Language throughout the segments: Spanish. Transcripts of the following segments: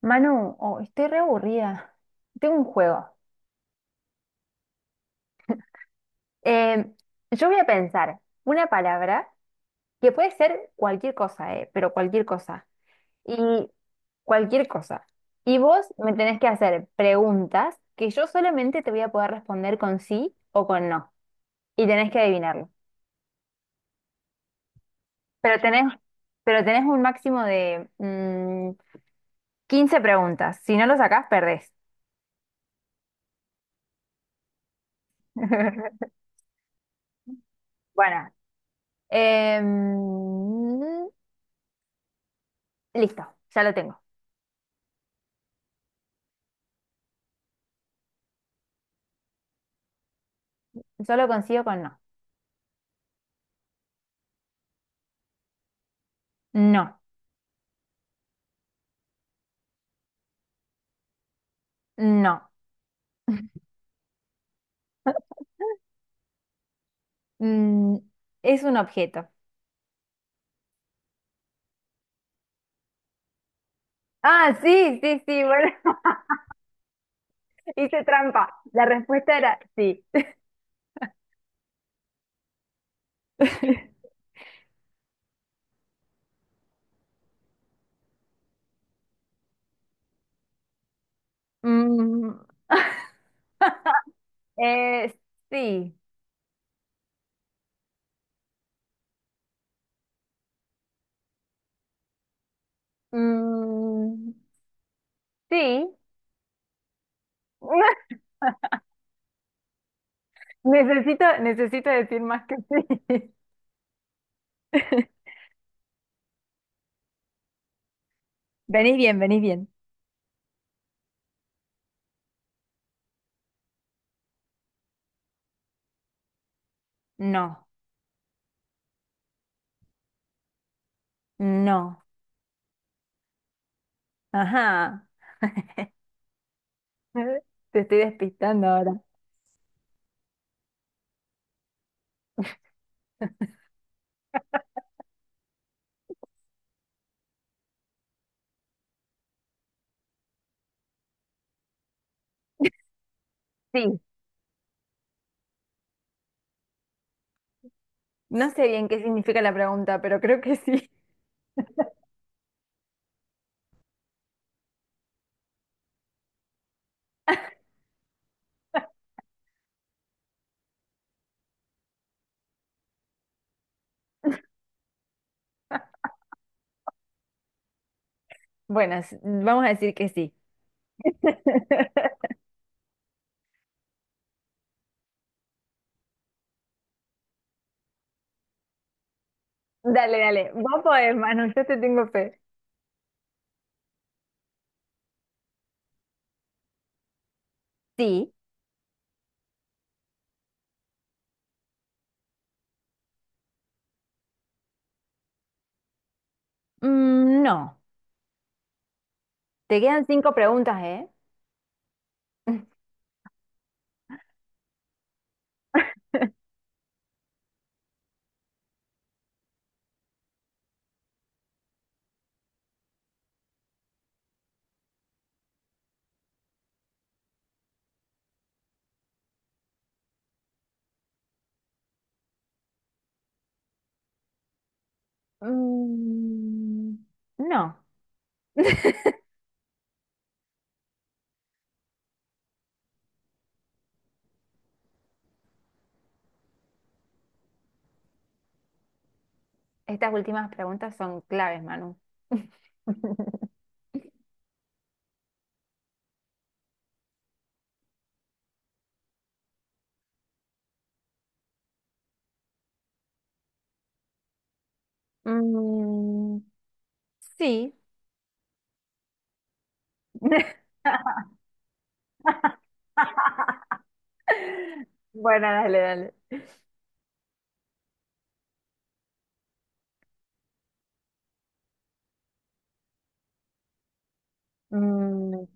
Manu, oh, estoy re aburrida. Tengo un juego. Eh, yo voy a pensar una palabra que puede ser cualquier cosa, pero cualquier cosa. Y cualquier cosa. Y vos me tenés que hacer preguntas que yo solamente te voy a poder responder con sí o con no. Y tenés que adivinarlo. Pero tenés, pero tenés un máximo de 15 preguntas. Si no lo sacás, perdés. Bueno, em, listo, ya lo tengo. Yo lo consigo con no. No, no. Mm, es un objeto. Ah, sí, sí, sí, bueno, hice trampa. La respuesta era sí. Mm, eh, sí. Mm, sí. Necesito decir más que sí. Venís bien, venís bien. No, no. Ajá. Te estoy despistando ahora. Sí. No sé bien qué significa la pregunta, pero creo que sí. Bueno, vamos a decir que sí. Dale, dale, va a poder, mano, yo te tengo fe. Sí. Mm, no. Te quedan cinco preguntas, ¿eh? Mm, no. Estas últimas preguntas son claves, Manu. Mm, sí. Bueno, dale, dale. Mm,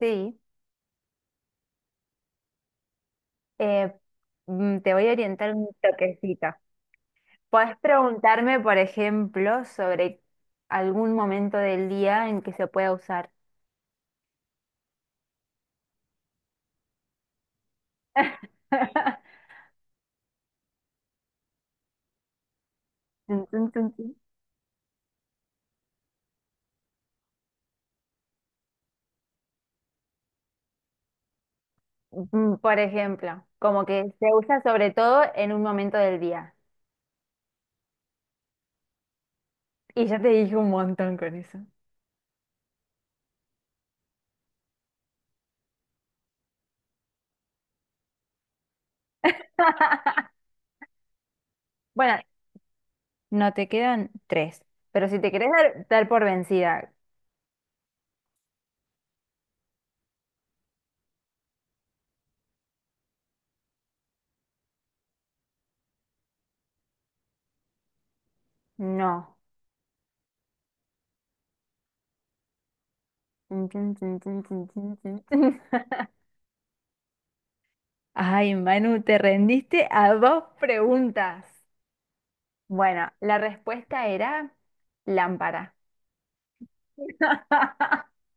sí. Eh, te voy a orientar un toquecito. Podés preguntarme, por ejemplo, sobre algún momento del día en que se pueda usar. Tun, tun, tun, tun. Mm, por ejemplo, como que se usa sobre todo en un momento del día. Y ya te dije un montón con eso. Bueno, no te quedan tres, pero si te querés dar, dar por vencida, no. Tun, tun, tun, tun, tun, tun, tun, tun. Ay, Manu, te rendiste a dos preguntas. Bueno, la respuesta era lámpara.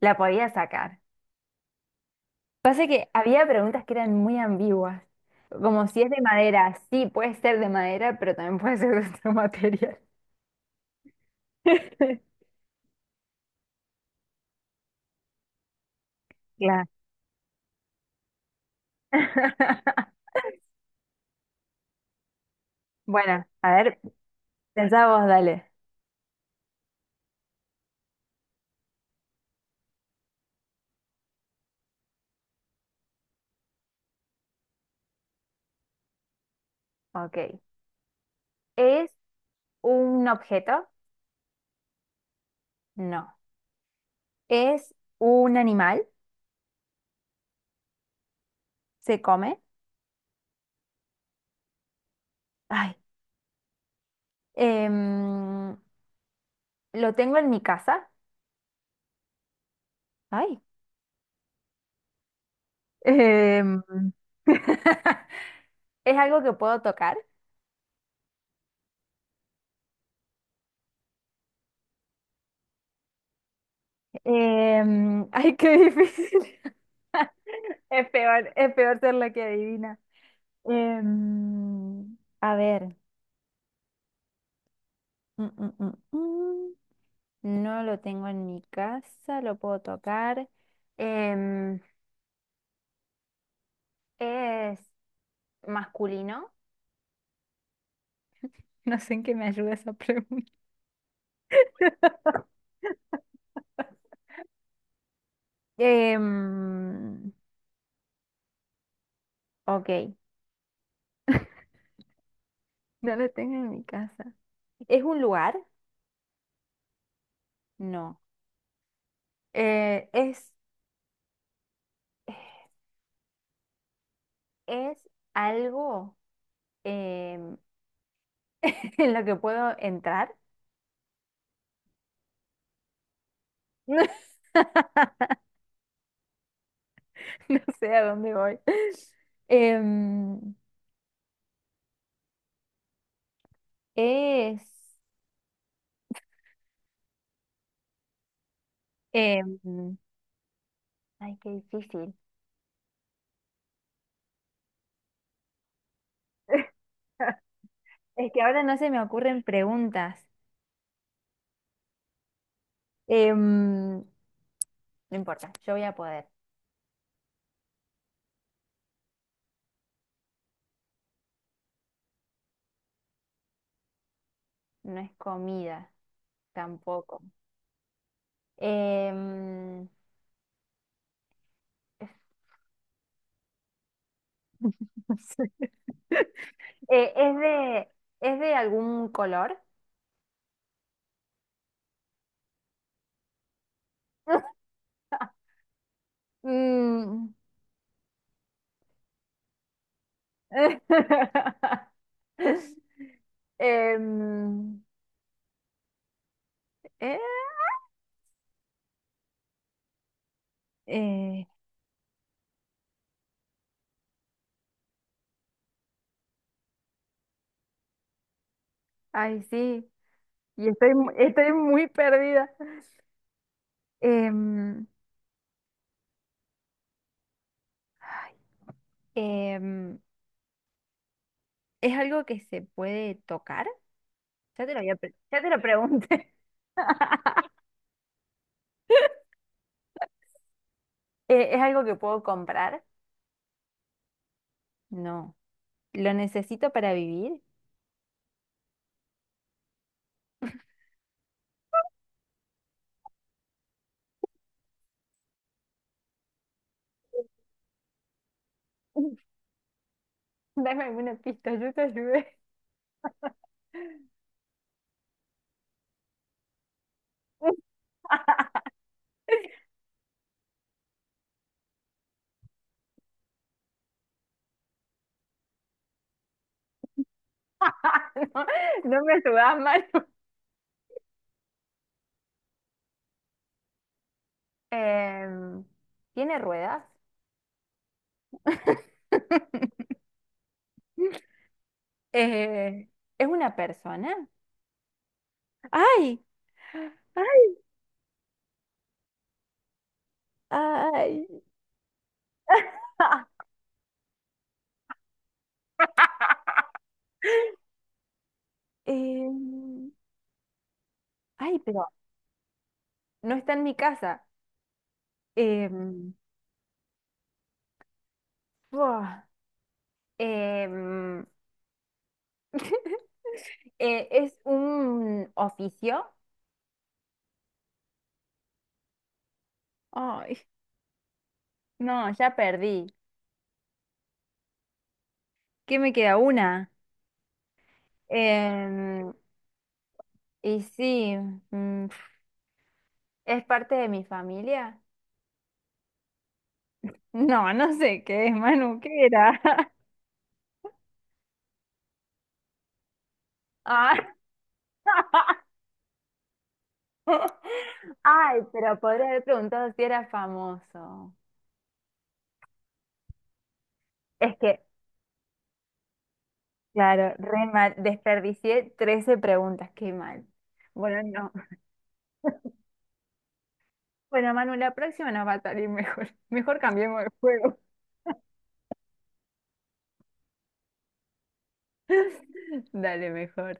La podía sacar. Pasa que había preguntas que eran muy ambiguas, como si es de madera, sí, puede ser de madera, pero también puede ser de otro material. Claro. Bueno, a ver, pensá vos, dale. Ok. ¿Es un objeto? No. ¿Es un animal? ¿Se come? Ay. em, ¿Lo tengo en mi casa? Ay. Em, es algo que puedo tocar. Em, ay, qué difícil. Es peor ser la que adivina. Em, a ver. Mm, mm, mm, mm. No lo tengo en mi casa, lo puedo tocar. Em, es masculino. No sé en qué me ayuda esa pregunta. Em, ok, no lo tengo en mi casa. ¿Es un lugar? No. Eh, es, es algo em, en lo que puedo entrar. No sé a dónde voy. Em, es... em, ay, qué difícil. Es que ahora no se me ocurren preguntas. Em, no importa, yo voy a poder. No es comida tampoco. Em, no sé. Eh, ¿es de, ¿es de algún color? Mm. Em, eh, eh, ay, sí, y estoy, estoy muy perdida. Em, ay, em, ¿Es algo que se puede tocar? Ya te lo había ya te lo pregunté. ¿Es algo que puedo comprar? No. ¿Lo necesito para vivir? Dame alguna pista, yo te ayudé. No, no me ayudas, Manu. Em, ¿Tiene ruedas? Eh, ¿es una persona? ¡Ay! ¡Ay! ¡Ay! Ah, Em, ay, pero no está en mi casa. Em, buah, em, ¿es un oficio? ¡Ay! No, ya perdí. ¿Qué me queda? Una. Em, y sí, mm, ¿es parte de mi familia? No, no sé qué es, Manu, ¿qué era? Ah. Ay, pero podría haber preguntado si era famoso. Es que, claro, re mal. Desperdicié 13 preguntas, qué mal. Bueno, no. Bueno, Manu, la próxima nos va a salir mejor. Mejor cambiemos de juego. Dale, mejor.